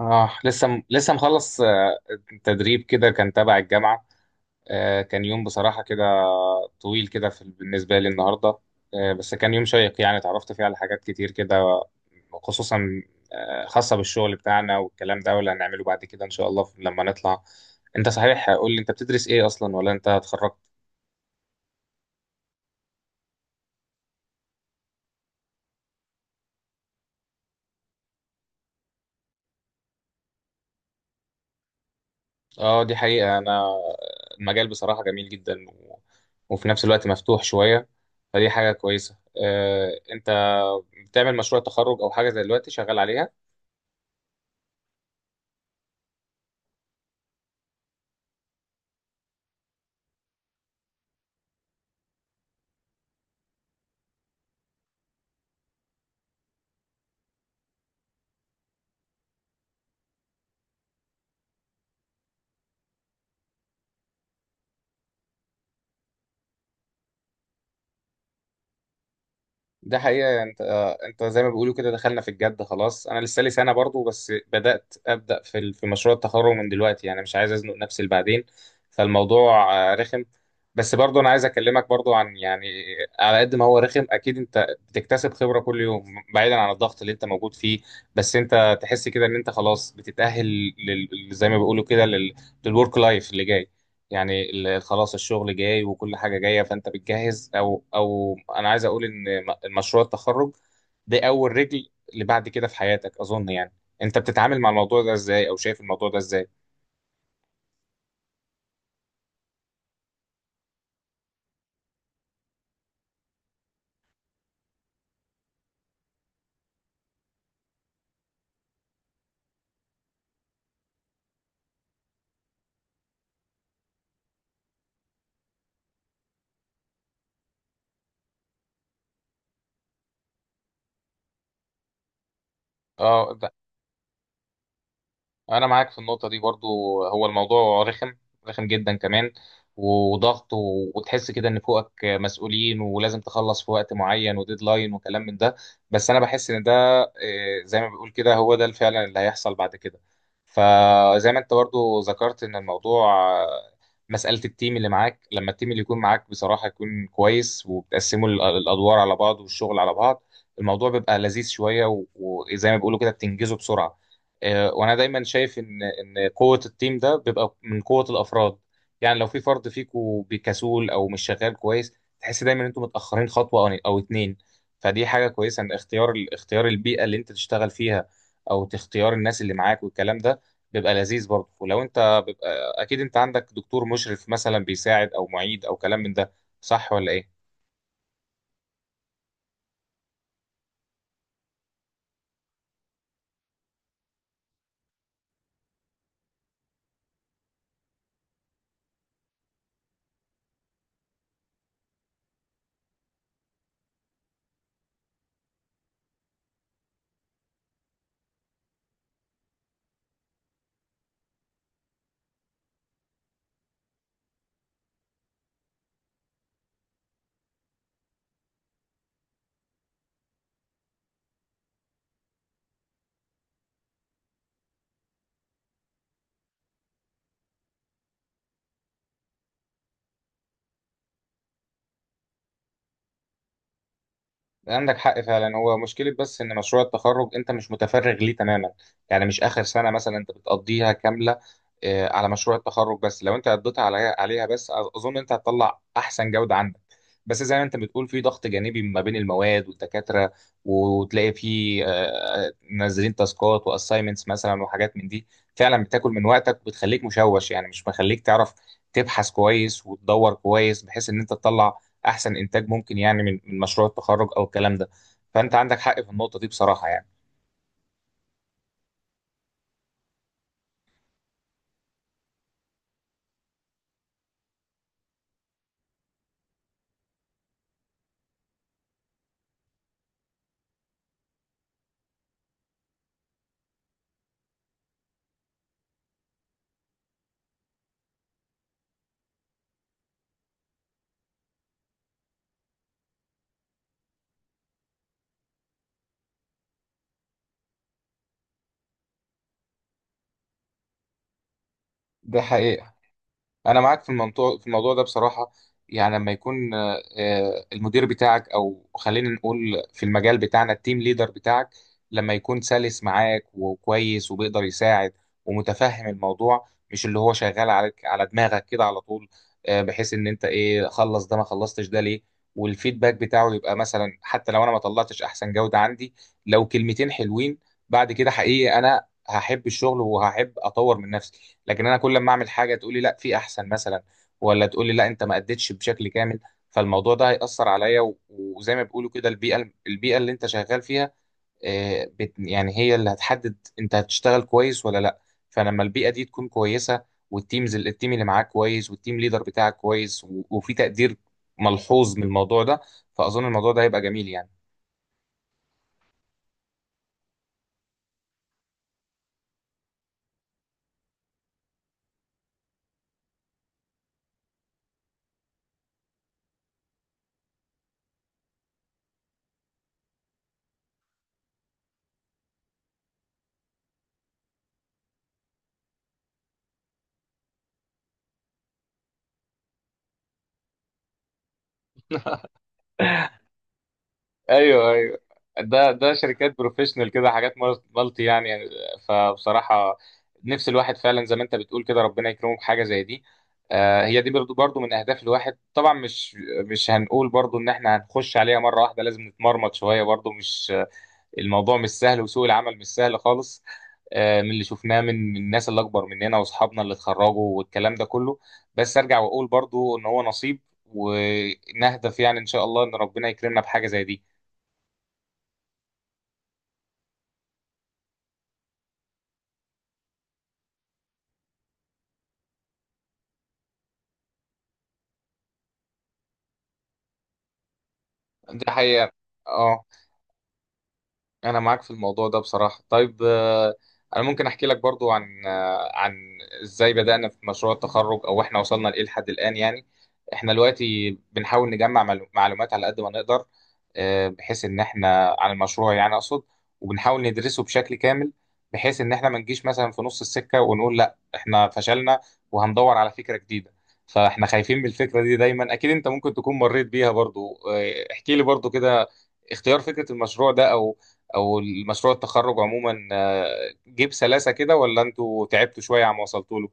اه، لسه مخلص. تدريب كده كان تبع الجامعة. كان يوم بصراحة كده طويل كده في بالنسبة لي النهاردة. بس كان يوم شيق، يعني اتعرفت فيه على حاجات كتير كده، خصوصا خاصة بالشغل بتاعنا والكلام ده واللي هنعمله بعد كده إن شاء الله لما نطلع. انت صحيح قول لي انت بتدرس ايه اصلا ولا انت اتخرجت؟ اه، دي حقيقة. انا المجال بصراحة جميل جدا، و... وفي نفس الوقت مفتوح شوية، فدي حاجة كويسة. انت بتعمل مشروع تخرج او حاجة زي دلوقتي شغال عليها؟ ده حقيقة. انت زي ما بيقولوا كده دخلنا في الجد خلاص. انا لسه لي سنة برضو، بس بدأت ابدأ في مشروع التخرج من دلوقتي، يعني مش عايز ازنق نفسي لبعدين. فالموضوع رخم، بس برضو انا عايز اكلمك برضو عن يعني، على قد ما هو رخم اكيد انت بتكتسب خبرة كل يوم، بعيدا عن الضغط اللي انت موجود فيه. بس انت تحس كده ان انت خلاص بتتأهل زي ما بيقولوا كده للورك لايف اللي جاي، يعني خلاص الشغل جاي وكل حاجة جاية، فأنت بتجهز. أو أنا عايز أقول إن مشروع التخرج ده أول رجل اللي بعد كده في حياتك، أظن. يعني أنت بتتعامل مع الموضوع ده إزاي، أو شايف الموضوع ده إزاي؟ اه، انا معاك في النقطه دي برضو. هو الموضوع رخم، رخم جدا كمان، وضغط و- وتحس كده ان فوقك مسؤولين ولازم تخلص في وقت معين وديدلاين وكلام من ده. بس انا بحس ان ده آه، زي ما بيقول كده هو ده فعلا اللي هيحصل بعد كده. فزي ما انت برضو ذكرت ان الموضوع آه، مساله التيم اللي معاك، لما التيم اللي يكون معاك بصراحه يكون كويس وبتقسموا الادوار على بعض والشغل على بعض، الموضوع بيبقى لذيذ شويه، و- وزي ما بيقولوا كده بتنجزه بسرعه. وانا دايما شايف ان قوه التيم ده بيبقى من قوه الافراد، يعني لو في فرد فيكو بكسول او مش شغال كويس تحس دايما ان انتوا متاخرين خطوه او اتنين. فدي حاجه كويسه، ان اختيار البيئه اللي انت تشتغل فيها او تختيار الناس اللي معاك والكلام ده، بيبقى لذيذ برضه. ولو انت بيبقى اكيد انت عندك دكتور مشرف مثلا بيساعد، او معيد، او كلام من ده، صح ولا ايه؟ عندك حق فعلا. هو مشكلة بس إن مشروع التخرج أنت مش متفرغ ليه تماما، يعني مش آخر سنة مثلا أنت بتقضيها كاملة على مشروع التخرج. بس لو أنت قضيتها عليها بس، أظن أنت هتطلع أحسن جودة عندك. بس زي ما أنت بتقول، في ضغط جانبي ما بين المواد والدكاترة، وتلاقي في منزلين تاسكات وأسايمنتس مثلا وحاجات من دي، فعلا بتاكل من وقتك وبتخليك مشوش، يعني مش مخليك تعرف تبحث كويس وتدور كويس بحيث إن أنت تطلع احسن انتاج ممكن، يعني من مشروع التخرج او الكلام ده. فانت عندك حق في النقطه دي بصراحه يعني. ده حقيقي. انا معاك في الموضوع ده بصراحه، يعني لما يكون المدير بتاعك، او خلينا نقول في المجال بتاعنا التيم ليدر بتاعك، لما يكون سلس معاك وكويس وبيقدر يساعد ومتفهم الموضوع، مش اللي هو شغال عليك على دماغك كده على طول، بحيث ان انت ايه خلص ده، ما خلصتش ده ليه. والفيدباك بتاعه يبقى مثلا، حتى لو انا ما طلعتش احسن جوده عندي، لو كلمتين حلوين، بعد كده حقيقي انا هحب الشغل وهحب اطور من نفسي. لكن انا كل ما اعمل حاجه تقولي لا في احسن مثلا، ولا تقولي لا انت ما اديتش بشكل كامل، فالموضوع ده هيأثر عليا. و- وزي ما بيقولوا كده، البيئه اللي انت شغال فيها آه، بت يعني هي اللي هتحدد انت هتشتغل كويس ولا لا. فلما البيئه دي تكون كويسه، والتيمز التيم اللي معاك كويس، والتيم ليدر بتاعك كويس، و- وفي تقدير ملحوظ من الموضوع ده، فأظن الموضوع ده هيبقى جميل يعني. ايوه، ايوه، ده شركات بروفيشنال كده، حاجات مالتي يعني، فبصراحه نفس الواحد فعلا زي ما انت بتقول كده ربنا يكرمه بحاجه زي دي. هي دي برضو من اهداف الواحد طبعا. مش هنقول برضو ان احنا هنخش عليها مره واحده، لازم نتمرمط شويه برضو. مش الموضوع مش سهل، وسوق العمل مش سهل خالص، من اللي شفناه من الناس اللي اكبر مننا واصحابنا اللي اتخرجوا والكلام ده كله. بس ارجع واقول برضو ان هو نصيب، ونهدف يعني ان شاء الله ان ربنا يكرمنا بحاجه زي دي. دي حقيقة. اه، انا معاك في الموضوع ده بصراحه. طيب انا ممكن احكي لك برضو عن ازاي بدانا في مشروع التخرج، او احنا وصلنا لايه لحد الان يعني. احنا دلوقتي بنحاول نجمع معلومات على قد ما نقدر، بحيث ان احنا عن المشروع يعني اقصد، وبنحاول ندرسه بشكل كامل، بحيث ان احنا ما نجيش مثلا في نص السكه ونقول لا احنا فشلنا وهندور على فكره جديده. فاحنا خايفين من الفكره دي دايما. اكيد انت ممكن تكون مريت بيها برضو. احكي لي برضو كده، اختيار فكرة المشروع ده، أو المشروع التخرج عموما، جه بسلاسه كده ولا انتوا تعبتوا شويه عم وصلتوا له؟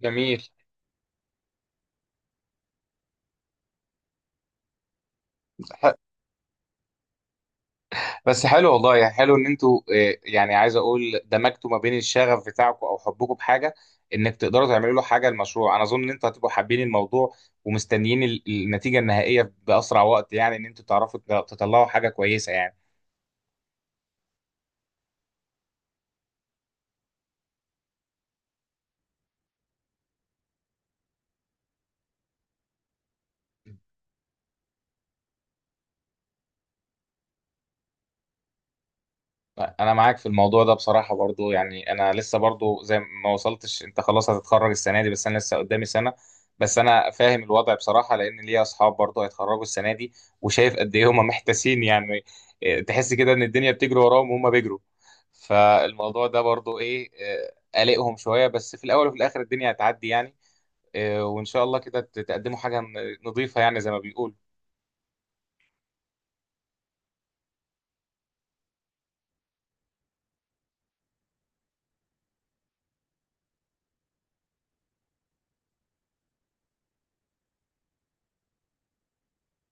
جميل. ح- بس حلو والله، يعني حلو ان انتوا يعني عايز اقول دمجتوا ما بين الشغف بتاعكم او حبكم بحاجه انك تقدروا تعملوا له حاجه. المشروع انا اظن ان انتوا هتبقوا حابين الموضوع، ومستنيين النتيجه النهائيه باسرع وقت، يعني ان انتوا تعرفوا تطلعوا حاجه كويسه يعني. انا معاك في الموضوع ده بصراحه برضو. يعني انا لسه برضو زي ما وصلتش، انت خلاص هتتخرج السنه دي بس انا لسه قدامي سنه، بس انا فاهم الوضع بصراحه، لان ليا اصحاب برضو هيتخرجوا السنه دي وشايف قد ايه هم محتاسين يعني. إيه، تحس كده ان الدنيا بتجري وراهم وهم بيجروا. فالموضوع ده برضو ايه، قلقهم شويه، بس في الاول وفي الاخر الدنيا هتعدي يعني. وان شاء الله كده تقدموا حاجه نظيفه، يعني زي ما بيقولوا.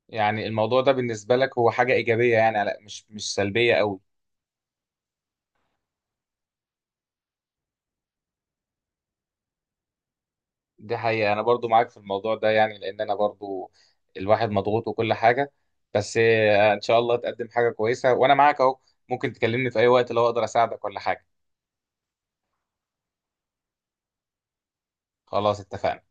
يعني الموضوع ده بالنسبه لك هو حاجه ايجابيه يعني، مش سلبيه قوي. دي حقيقة. أنا برضو معاك في الموضوع ده، يعني لأن أنا برضو الواحد مضغوط وكل حاجة. بس إن شاء الله تقدم حاجة كويسة، وأنا معاك أهو، ممكن تكلمني في أي وقت لو أقدر أساعدك ولا حاجة. خلاص، اتفقنا.